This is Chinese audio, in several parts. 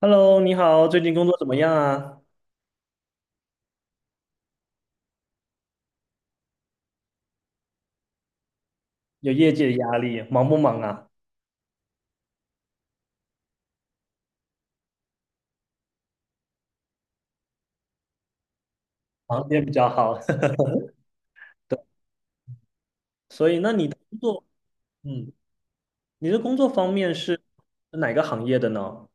Hello，你好，最近工作怎么样啊？有业绩的压力，忙不忙啊？忙也比较好。对，所以那你的工作，嗯，你的工作方面是哪个行业的呢？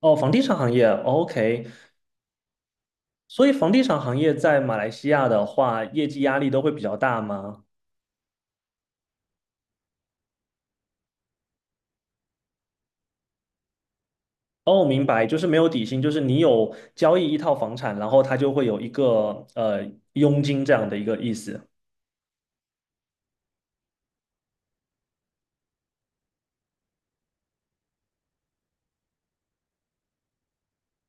哦，房地产行业。哦 OK，所以房地产行业在马来西亚的话，业绩压力都会比较大吗？哦，明白，就是没有底薪，就是你有交易一套房产，然后它就会有一个佣金这样的一个意思。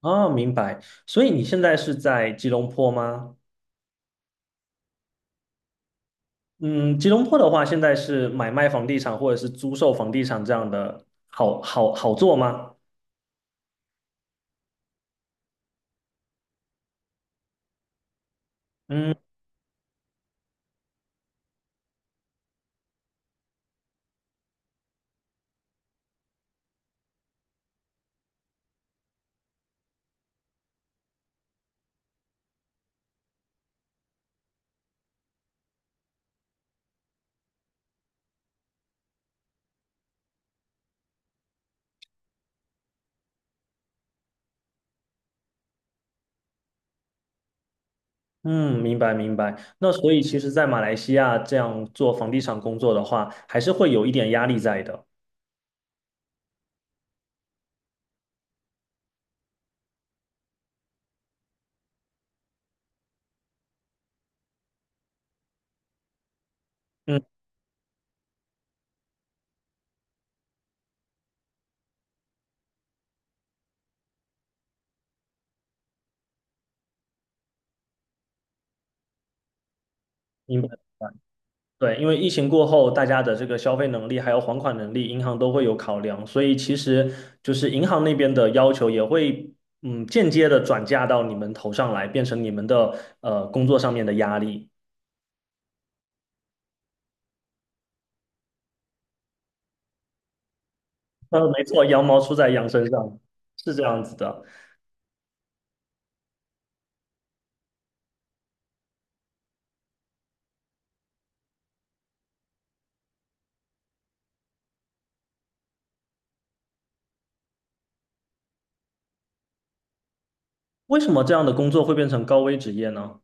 啊，明白。所以你现在是在吉隆坡吗？嗯，吉隆坡的话，现在是买卖房地产或者是租售房地产这样的好做吗？嗯嗯，明白明白。那所以其实，在马来西亚这样做房地产工作的话，还是会有一点压力在的。嗯，明白。对，因为疫情过后，大家的这个消费能力还有还款能力，银行都会有考量，所以其实就是银行那边的要求也会，嗯，间接的转嫁到你们头上来，变成你们的工作上面的压力。呃，没错，羊毛出在羊身上，是这样子的。为什么这样的工作会变成高危职业呢？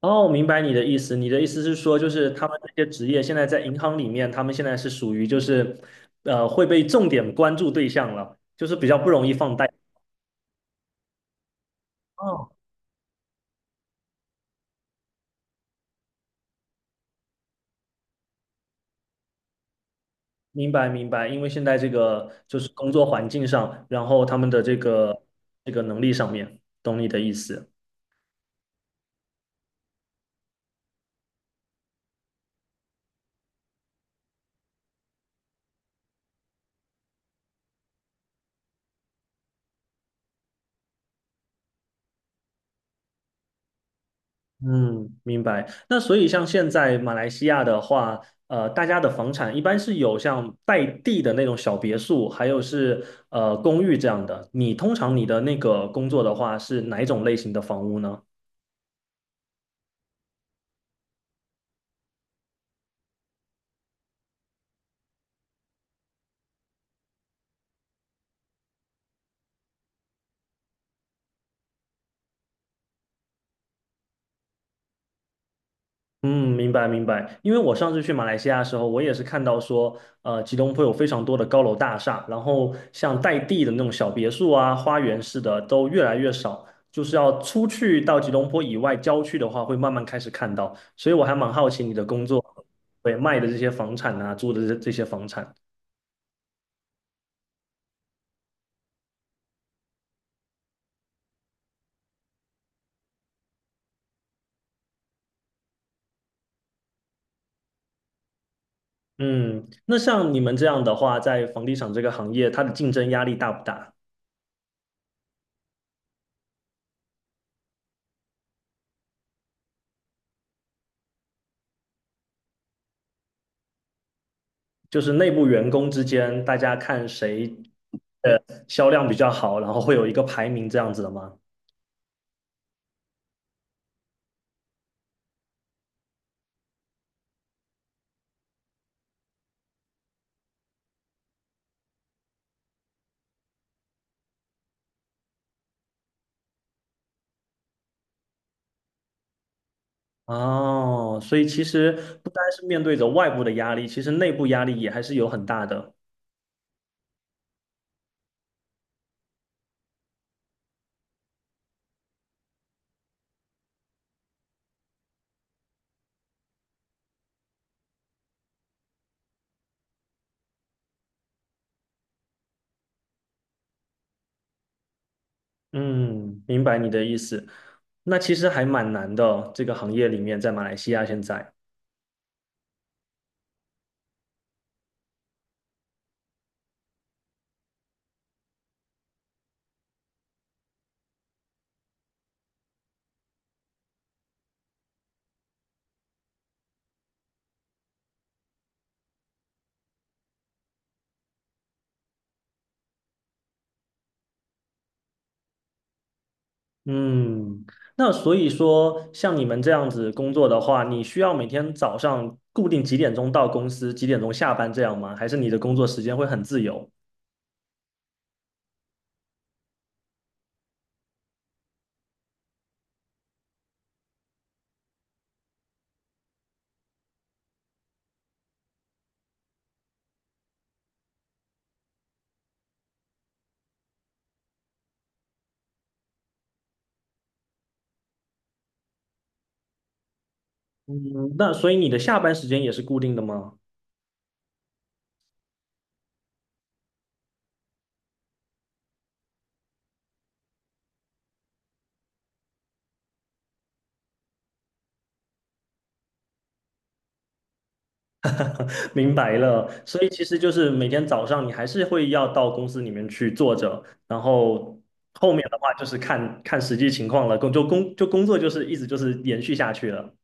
哦，明白你的意思。你的意思是说，就是他们这些职业现在在银行里面，他们现在是属于就是，呃，会被重点关注对象了，就是比较不容易放贷。哦，明白明白。因为现在这个就是工作环境上，然后他们的这个能力上面，懂你的意思。嗯，明白。那所以像现在马来西亚的话，呃，大家的房产一般是有像带地的那种小别墅，还有是公寓这样的。你通常你的那个工作的话是哪一种类型的房屋呢？嗯，明白明白。因为我上次去马来西亚的时候，我也是看到说，呃，吉隆坡有非常多的高楼大厦，然后像带地的那种小别墅啊、花园式的都越来越少，就是要出去到吉隆坡以外郊区的话，会慢慢开始看到。所以我还蛮好奇你的工作，对，卖的这些房产啊，租的这些房产。嗯，那像你们这样的话，在房地产这个行业，它的竞争压力大不大？就是内部员工之间，大家看谁呃销量比较好，然后会有一个排名这样子的吗？哦，所以其实不单是面对着外部的压力，其实内部压力也还是有很大的。嗯，明白你的意思。那其实还蛮难的，这个行业里面在马来西亚现在。嗯，那所以说，像你们这样子工作的话，你需要每天早上固定几点钟到公司，几点钟下班这样吗？还是你的工作时间会很自由？嗯，那所以你的下班时间也是固定的吗？明白了，所以其实就是每天早上你还是会要到公司里面去坐着，然后后面的话就是看看实际情况了，工作就是一直就是延续下去了。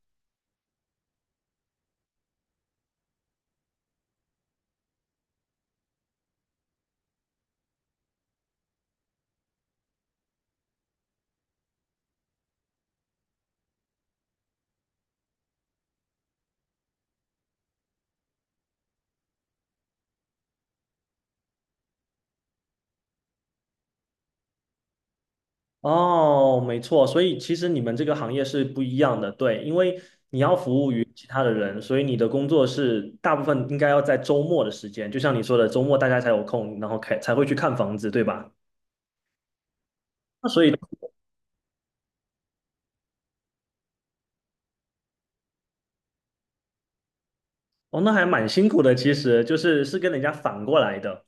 哦，没错，所以其实你们这个行业是不一样的，对，因为你要服务于其他的人，所以你的工作是大部分应该要在周末的时间，就像你说的，周末大家才有空，然后开才会去看房子，对吧？那所以哦，那还蛮辛苦的，其实就是跟人家反过来的。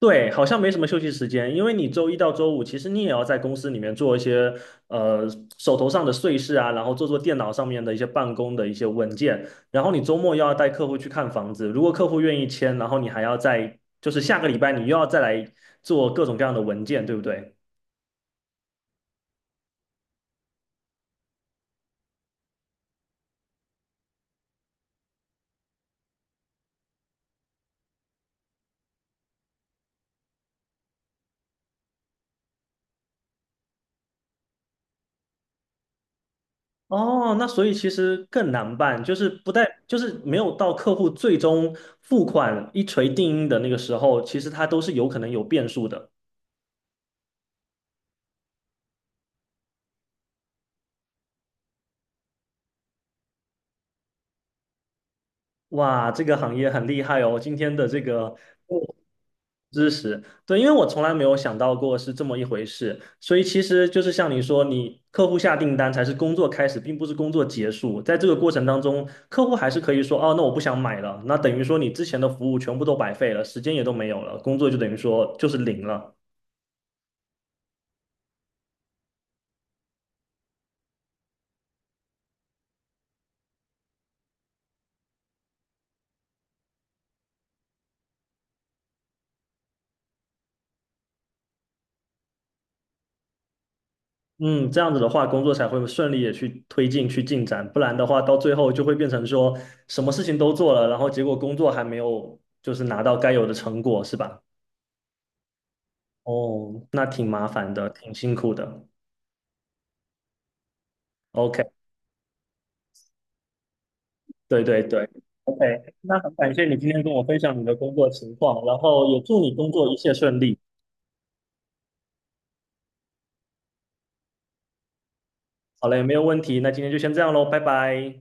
对，好像没什么休息时间，因为你周一到周五，其实你也要在公司里面做一些呃手头上的碎事啊，然后做电脑上面的一些办公的一些文件，然后你周末又要带客户去看房子，如果客户愿意签，然后你还要再就是下个礼拜你又要再来做各种各样的文件，对不对？哦，那所以其实更难办，就是不带，就是没有到客户最终付款一锤定音的那个时候，其实它都是有可能有变数的。哇，这个行业很厉害哦！今天的这个哦知识，对，因为我从来没有想到过是这么一回事，所以其实就是像你说，你客户下订单才是工作开始，并不是工作结束。在这个过程当中，客户还是可以说，哦，那我不想买了，那等于说你之前的服务全部都白费了，时间也都没有了，工作就等于说就是零了。嗯，这样子的话，工作才会顺利的去推进、去进展，不然的话，到最后就会变成说什么事情都做了，然后结果工作还没有就是拿到该有的成果，是吧？哦，那挺麻烦的，挺辛苦的。OK，对对对，OK，那很感谢你今天跟我分享你的工作情况，然后也祝你工作一切顺利。好嘞，没有问题，那今天就先这样喽，拜拜。